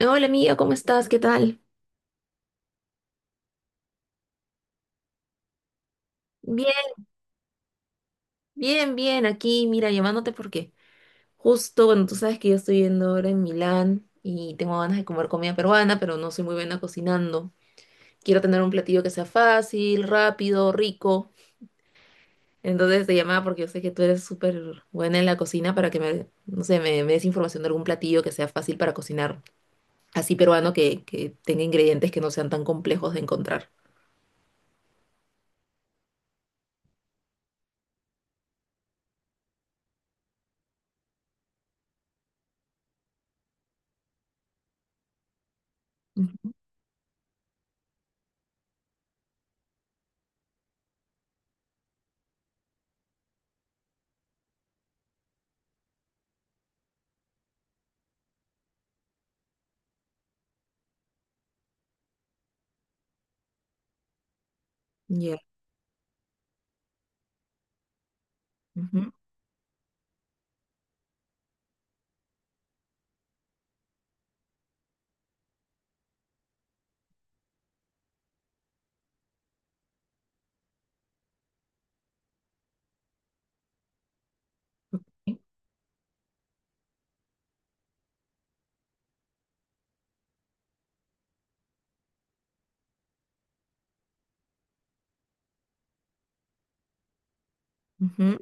Hola amiga, ¿cómo estás? ¿Qué tal? Bien, bien, bien, aquí, mira, llamándote porque justo, bueno, tú sabes que yo estoy viendo ahora en Milán y tengo ganas de comer comida peruana, pero no soy muy buena cocinando. Quiero tener un platillo que sea fácil, rápido, rico. Entonces te llamaba porque yo sé que tú eres súper buena en la cocina para que me, no sé, me des información de algún platillo que sea fácil para cocinar, así peruano que tenga ingredientes que no sean tan complejos de encontrar. Ya. Ujú, ujú.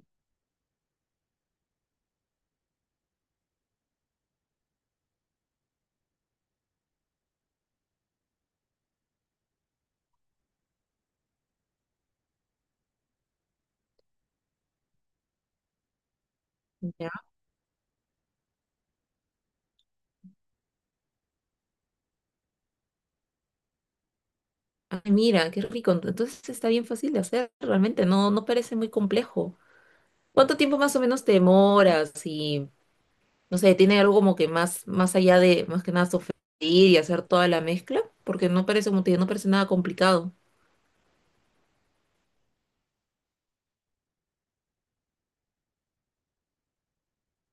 Ya. Ay, mira, qué rico. Entonces está bien fácil de hacer, realmente. No, no parece muy complejo. ¿Cuánto tiempo más o menos te demoras? Y, no sé, ¿tiene algo como que más, más allá de, más que nada, sofreír y hacer toda la mezcla? Porque no parece, como te digo, no parece nada complicado.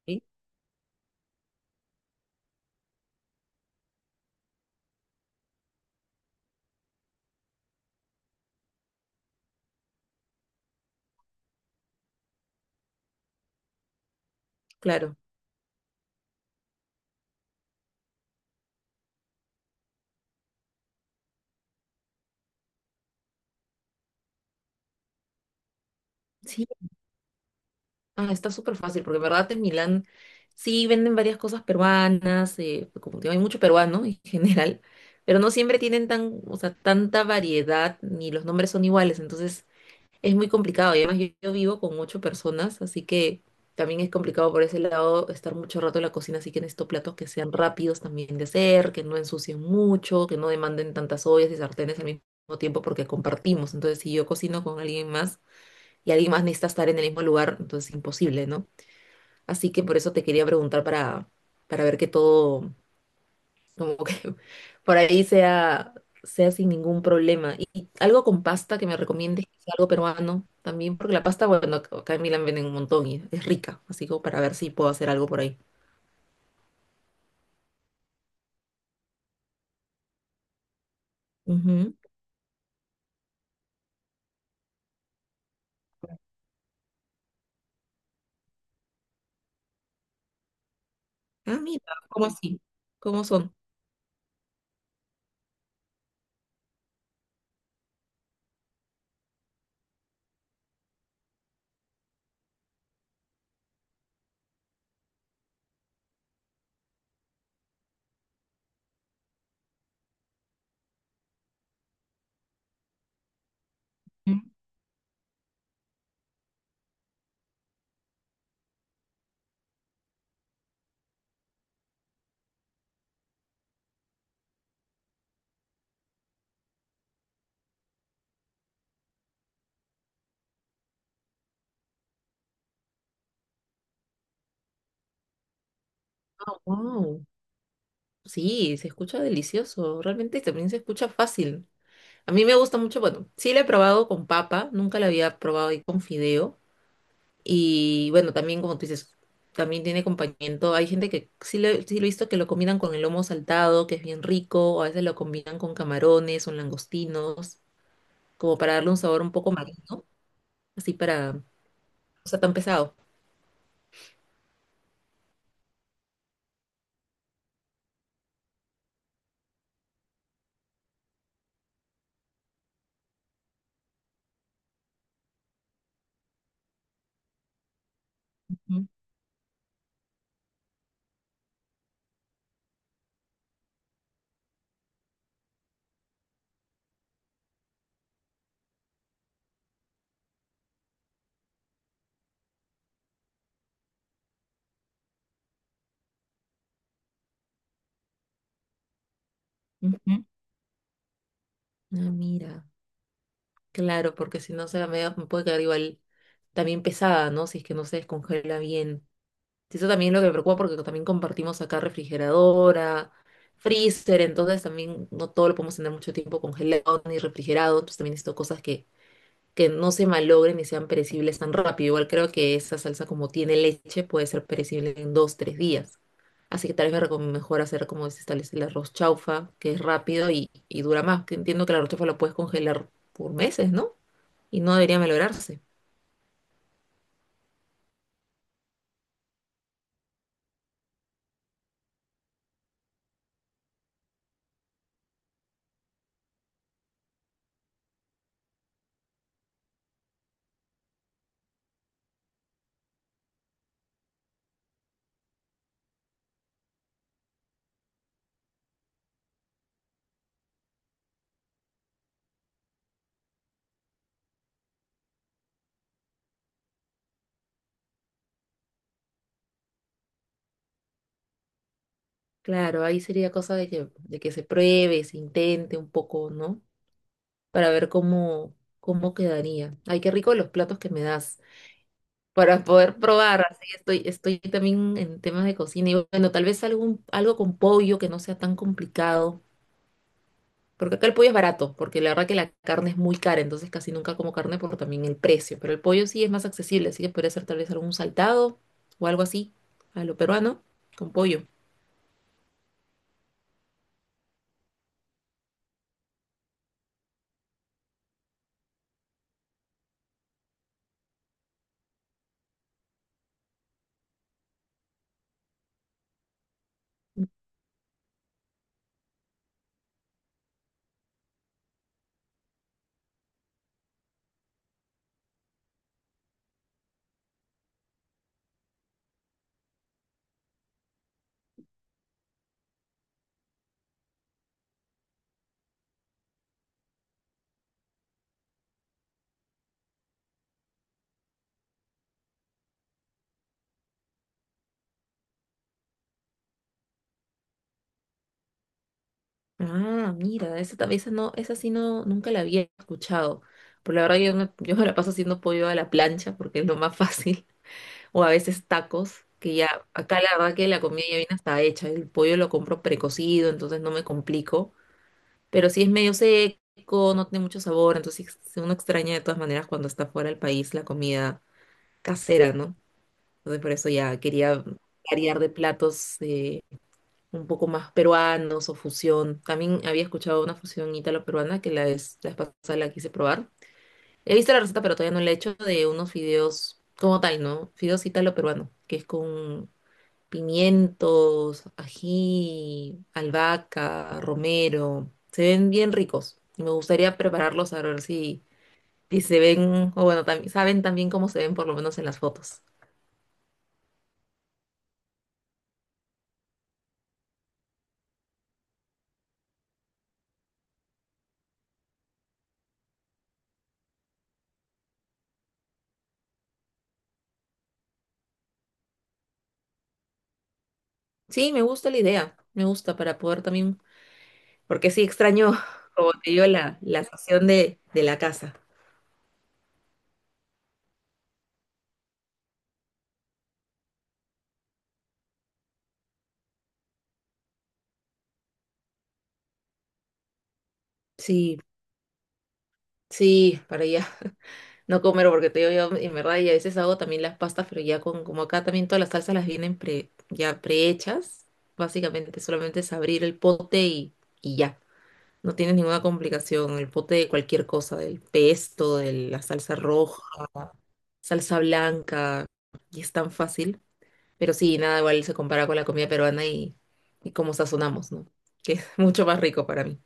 ¿Sí? Claro. Sí. Ah, está súper fácil, porque en verdad en Milán sí venden varias cosas peruanas, pues, como te digo, hay mucho peruano en general, pero no siempre tienen tan, o sea, tanta variedad, ni los nombres son iguales. Entonces es muy complicado y además yo vivo con ocho personas, así que también es complicado por ese lado estar mucho rato en la cocina, así que necesito platos que sean rápidos también de hacer, que no ensucien mucho, que no demanden tantas ollas y sartenes al mismo tiempo porque compartimos. Entonces, si yo cocino con alguien más y alguien más necesita estar en el mismo lugar, entonces es imposible, ¿no? Así que por eso te quería preguntar para ver que todo, como que por ahí sea, sea sin ningún problema. Y algo con pasta que me recomiendes, quizá algo peruano también, porque la pasta, bueno, acá en Milán venden un montón y es rica, así como para ver si puedo hacer algo por ahí. Ujú. Ah, mira, ¿cómo así? ¿Cómo son? Mm. Ah, wow. Sí, se escucha delicioso, realmente también se escucha fácil. A mí me gusta mucho, bueno, sí la he probado con papa, nunca la había probado ahí con fideo. Y bueno, también como tú dices, también tiene acompañamiento. Hay gente que sí lo he visto que lo combinan con el lomo saltado, que es bien rico, o a veces lo combinan con camarones o langostinos, como para darle un sabor un poco marino, así para no sea tan pesado. Ujú, ujú. Ah, mira, claro, porque si no se la media me puede quedar igual también pesada, ¿no? Si es que no se descongela bien. Sí, eso también es lo que me preocupa porque también compartimos acá refrigeradora, freezer, entonces también no todo lo podemos tener mucho tiempo congelado ni refrigerado, entonces también necesito cosas que no se malogren ni sean perecibles tan rápido. Igual creo que esa salsa como tiene leche puede ser perecible en dos, tres días. Así que tal vez me mejor hacer como se establece el arroz chaufa, que es rápido y dura más. Que entiendo que el arroz chaufa lo puedes congelar por meses, ¿no? Y no debería malograrse. Claro, ahí sería cosa de que se pruebe, se intente un poco, ¿no? Para ver cómo, cómo quedaría. Ay, qué rico los platos que me das para poder probar. Así estoy también en temas de cocina. Y bueno, tal vez algún, algo con pollo que no sea tan complicado. Porque acá el pollo es barato, porque la verdad que la carne es muy cara, entonces casi nunca como carne por también el precio. Pero el pollo sí es más accesible, así que podría ser tal vez algún saltado o algo así, a lo peruano, con pollo. Ah, mira, esa, esa no, esa sí no, nunca la había escuchado. Por la verdad yo me la paso haciendo pollo a la plancha porque es lo más fácil. O a veces tacos, que ya, acá la verdad que la comida ya viene hasta hecha. El pollo lo compro precocido, entonces no me complico. Pero si es medio seco, no tiene mucho sabor, entonces uno extraña de todas maneras cuando está fuera del país la comida casera, ¿no? Entonces por eso ya quería variar de platos, un poco más peruanos o fusión. También había escuchado una fusión ítalo-peruana que la vez pasada la quise probar. He visto la receta, pero todavía no la he hecho de unos fideos como tal, ¿no? Fideos ítalo-peruano, que es con pimientos, ají, albahaca, romero. Se ven bien ricos y me gustaría prepararlos a ver si, si se ven, o bueno, también, saben también cómo se ven por lo menos en las fotos. Sí, me gusta la idea, me gusta para poder también porque sí extraño, como te digo, la sazón de la casa. Sí, sí, para ya no comer, porque te digo, yo en verdad, y a veces hago también las pastas, pero ya con, como acá también todas las salsas las vienen pre, ya prehechas, básicamente solamente es abrir el pote y ya. No tienes ninguna complicación, el pote de cualquier cosa, del pesto, de la salsa roja, salsa blanca, y es tan fácil. Pero sí, nada igual se compara con la comida peruana y cómo sazonamos, ¿no? Que es mucho más rico para mí.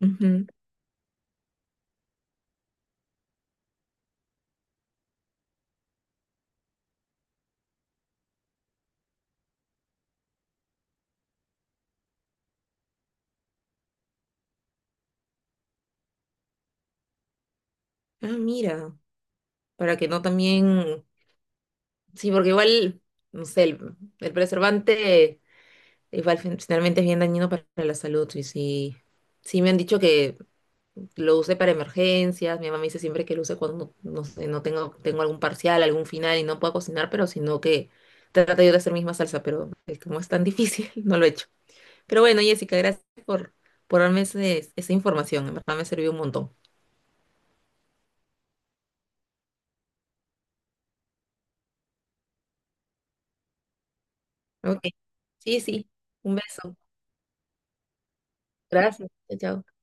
Ujú. Ah, mira, para que no también, sí, porque igual, no sé, el preservante igual finalmente es bien dañino para la salud, y sí, sí me han dicho que lo use para emergencias, mi mamá me dice siempre que lo use cuando, no sé, no tengo, tengo algún parcial, algún final y no puedo cocinar, pero sino que trata yo de hacer misma salsa, pero como es tan difícil, no lo he hecho. Pero bueno, Jessica, gracias por darme esa información, en verdad me sirvió un montón. Ok, sí, sí, un beso. Gracias. Chao, chao.